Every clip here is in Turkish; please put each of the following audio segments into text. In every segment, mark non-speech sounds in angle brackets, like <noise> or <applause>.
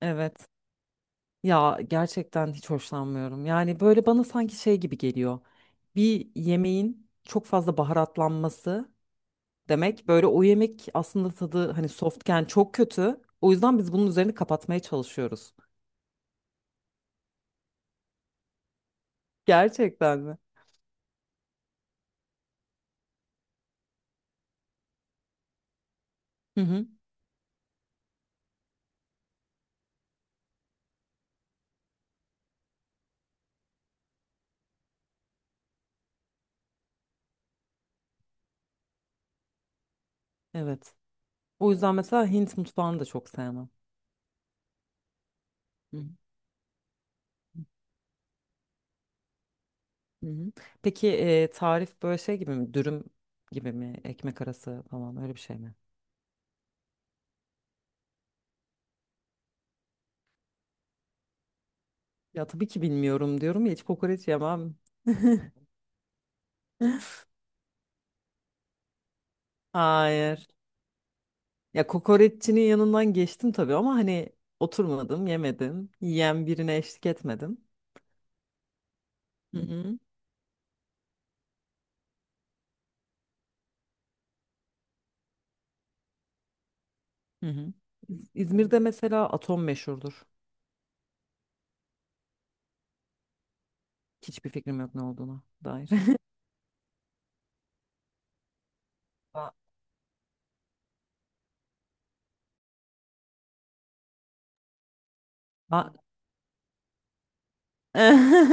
Evet. Ya gerçekten hiç hoşlanmıyorum. Yani böyle bana sanki şey gibi geliyor. Bir yemeğin çok fazla baharatlanması demek böyle o yemek aslında tadı hani softken çok kötü. O yüzden biz bunun üzerini kapatmaya çalışıyoruz. Gerçekten mi? Hı hı. Evet. O yüzden mesela Hint mutfağını da çok sevmem. Hı hı. Hı hı. Peki tarif böyle şey gibi mi? Dürüm gibi mi? Ekmek arası falan öyle bir şey mi? Ya tabii ki bilmiyorum diyorum ya hiç kokoreç yemem. <laughs> Hayır. Ya kokoreççinin yanından geçtim tabii ama hani oturmadım, yemedim. Yiyen birine eşlik etmedim. Hı hı. Hı hı. İzmir'de mesela atom meşhurdur. Hiçbir fikrim yok ne olduğuna dair. <laughs> Ba- ba- <laughs>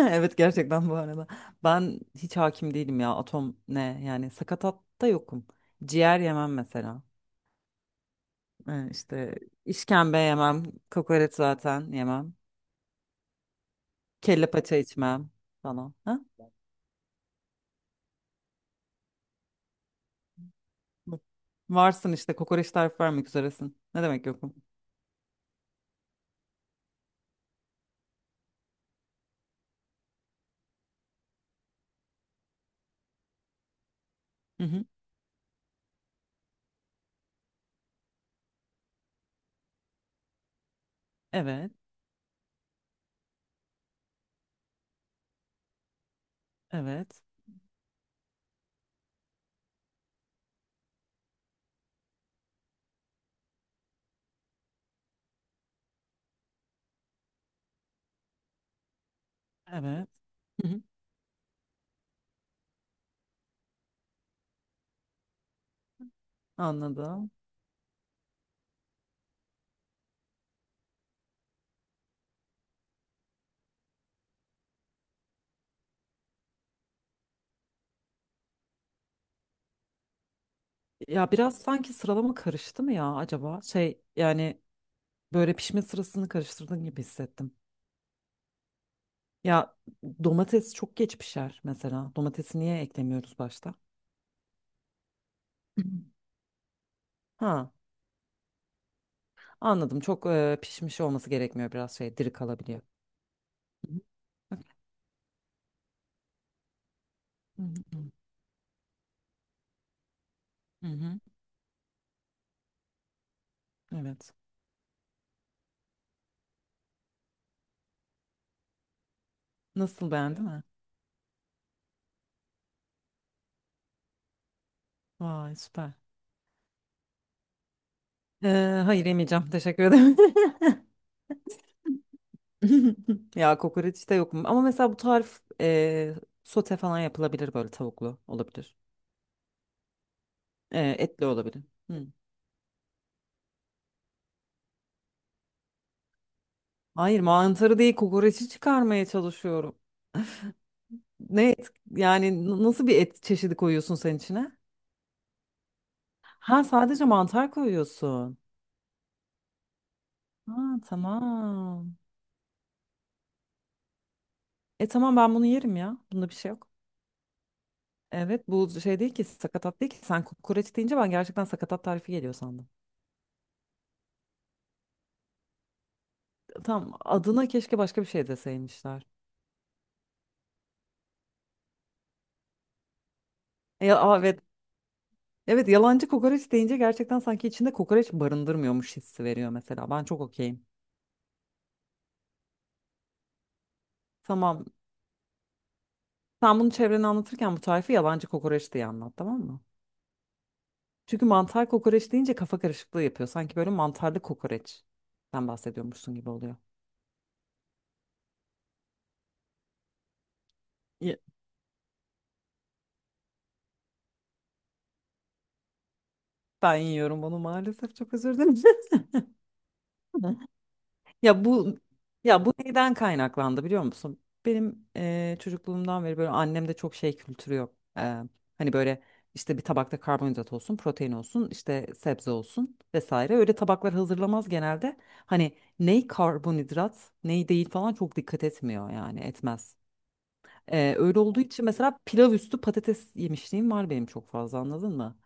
Evet gerçekten bu arada. Ben hiç hakim değilim ya atom ne yani sakatatta yokum. Ciğer yemem mesela. İşte işkembe yemem, kokoreç zaten yemem. Kelle paça içmem falan. Varsın işte kokoreç tarifi vermek üzeresin. Ne demek yok mu? Hı hı. Evet, evet, evet. Hı hı. Anladım. Ya biraz sanki sıralama karıştı mı ya acaba? Şey yani böyle pişme sırasını karıştırdığın gibi hissettim. Ya domates çok geç pişer mesela. Domatesi niye eklemiyoruz başta? <laughs> Hı. Ha, anladım. Çok pişmiş olması gerekmiyor biraz şey diri kalabiliyor. Hı hı. Hı hı. Hı hı. Evet. Nasıl beğendin mi? Vay süper. Hayır yemeyeceğim. Teşekkür ederim. <laughs> <laughs> Ya kokoreç de mu? Ama mesela bu tarif sote falan yapılabilir böyle tavuklu olabilir. E, etli olabilir. Hı. Hayır mantarı değil kokoreçi çıkarmaya çalışıyorum. Ne et yani nasıl bir et çeşidi koyuyorsun sen içine? Ha sadece mantar koyuyorsun. Ha tamam. E tamam ben bunu yerim ya. Bunda bir şey yok. Evet bu şey değil ki sakatat değil ki. Sen kokoreç deyince ben gerçekten sakatat tarifi geliyor sandım. Tam adına keşke başka bir şey deseymişler. Ya, aa, evet. Evet yalancı kokoreç deyince gerçekten sanki içinde kokoreç barındırmıyormuş hissi veriyor mesela. Ben çok okeyim. Tamam. Sen bunu çevrene anlatırken bu tarifi yalancı kokoreç diye anlat tamam mı? Çünkü mantar kokoreç deyince kafa karışıklığı yapıyor. Sanki böyle mantarlı kokoreç. Sen bahsediyormuşsun gibi oluyor. Ye- Ben yiyorum bunu maalesef çok özür dilerim. <laughs> Ya bu Ya bu neyden kaynaklandı biliyor musun? Benim çocukluğumdan beri böyle annemde çok şey kültürü yok. Hani böyle işte bir tabakta karbonhidrat olsun, protein olsun, işte sebze olsun vesaire. Öyle tabaklar hazırlamaz genelde. Hani ney karbonhidrat, ney değil falan çok dikkat etmiyor yani etmez. Öyle olduğu için mesela pilav üstü patates yemişliğim var benim çok fazla anladın mı?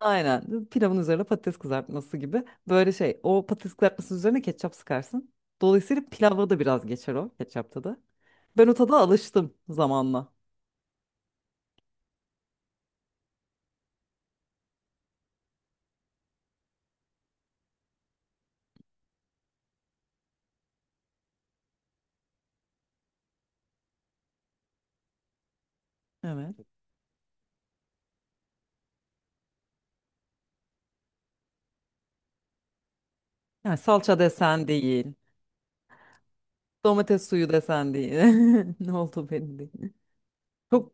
Aynen. Pilavın üzerine patates kızartması gibi. Böyle şey o patates kızartması üzerine ketçap sıkarsın. Dolayısıyla pilavda da biraz geçer o ketçapta da. Ben o tada alıştım zamanla. Evet. Yani salça desen değil. Domates suyu desen değil. <laughs> Ne oldu belli değil. Çok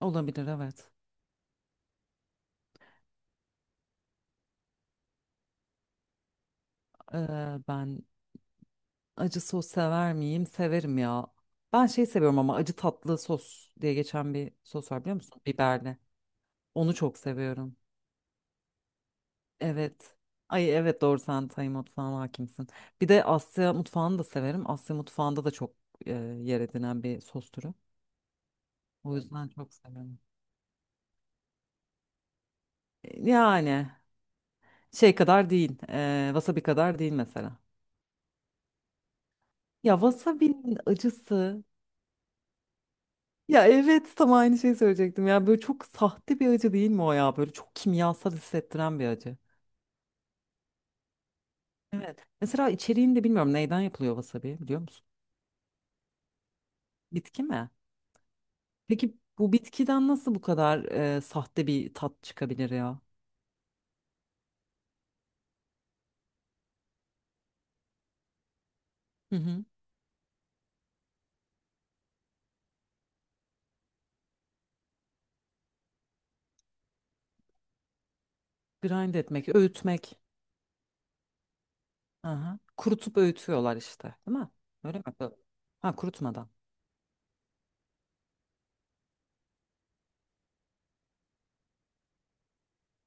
olabilir evet. Ben acı sos sever miyim? Severim ya. Ben şey seviyorum ama acı tatlı sos diye geçen bir sos var biliyor musun? Biberli. Onu çok seviyorum. Evet. Ay evet doğru sen Tay mutfağına hakimsin. Bir de Asya mutfağını da severim. Asya mutfağında da çok e, yer edinen bir sos türü. O yani yüzden çok severim. E, yani şey kadar değil. E, wasabi kadar değil mesela. Ya wasabi'nin acısı. Ya evet tam aynı şeyi söyleyecektim. Ya böyle çok sahte bir acı değil mi o ya? Böyle çok kimyasal hissettiren bir acı. Evet. Mesela içeriğini de bilmiyorum. Neyden yapılıyor wasabi biliyor musun? Bitki mi? Peki bu bitkiden nasıl bu kadar sahte bir tat çıkabilir ya? Hı hı. Grind etmek, öğütmek. Aha. Kurutup öğütüyorlar işte, değil mi? Öyle mi? Ha kurutmadan.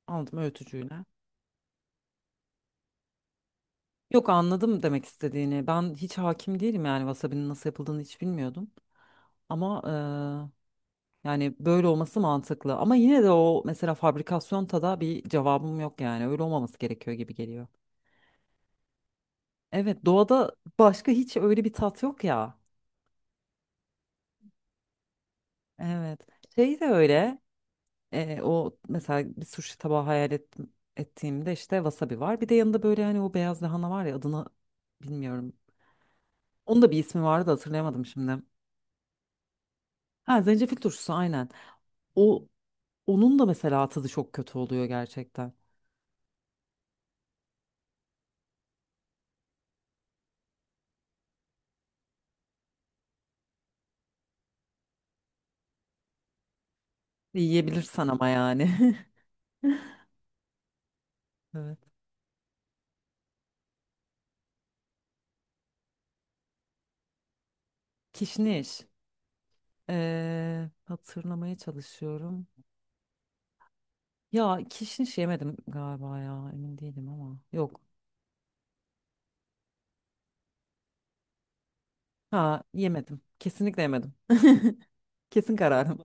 Aldım öğütücüyle. Yok anladım demek istediğini. Ben hiç hakim değilim yani wasabi'nin nasıl yapıldığını hiç bilmiyordum. Ama yani böyle olması mantıklı. Ama yine de o mesela fabrikasyon tada bir cevabım yok yani. Öyle olmaması gerekiyor gibi geliyor. Evet doğada başka hiç öyle bir tat yok ya. Evet. Şey de öyle. O mesela bir sushi tabağı hayal ettim, ettiğimde işte wasabi var. Bir de yanında böyle hani o beyaz lahana var ya adını bilmiyorum. Onun da bir ismi vardı da hatırlayamadım şimdi. Ha zencefil turşusu aynen. O onun da mesela tadı çok kötü oluyor gerçekten. Yiyebilirsen ama yani. <laughs> Evet. Kişniş. Hatırlamaya çalışıyorum. Ya kişniş yemedim galiba ya emin değilim ama yok. Ha yemedim. Kesinlikle yemedim. <laughs> Kesin kararım.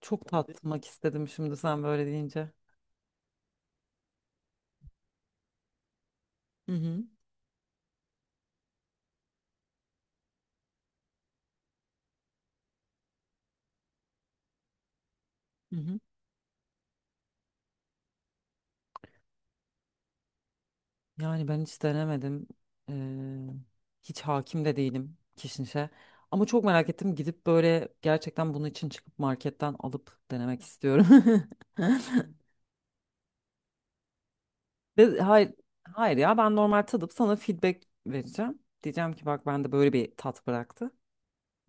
Çok tatmak istedim şimdi sen böyle deyince. Hı hı. Hı hı. Yani ben hiç denemedim. Ee, Hiç hakim de değilim kişnişe. Ama çok merak ettim gidip böyle gerçekten bunun için çıkıp marketten alıp denemek istiyorum. <laughs> Ve hayır, hayır ya ben normal tadıp sana feedback vereceğim. Diyeceğim ki bak bende böyle bir tat bıraktı.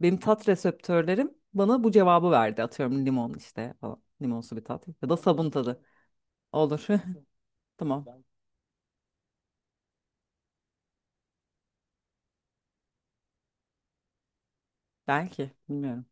Benim tat reseptörlerim bana bu cevabı verdi. Atıyorum limon işte falan. Limonsu bir tat. Ya da sabun tadı. Olur. <laughs> Tamam. Belki. Bilmiyorum.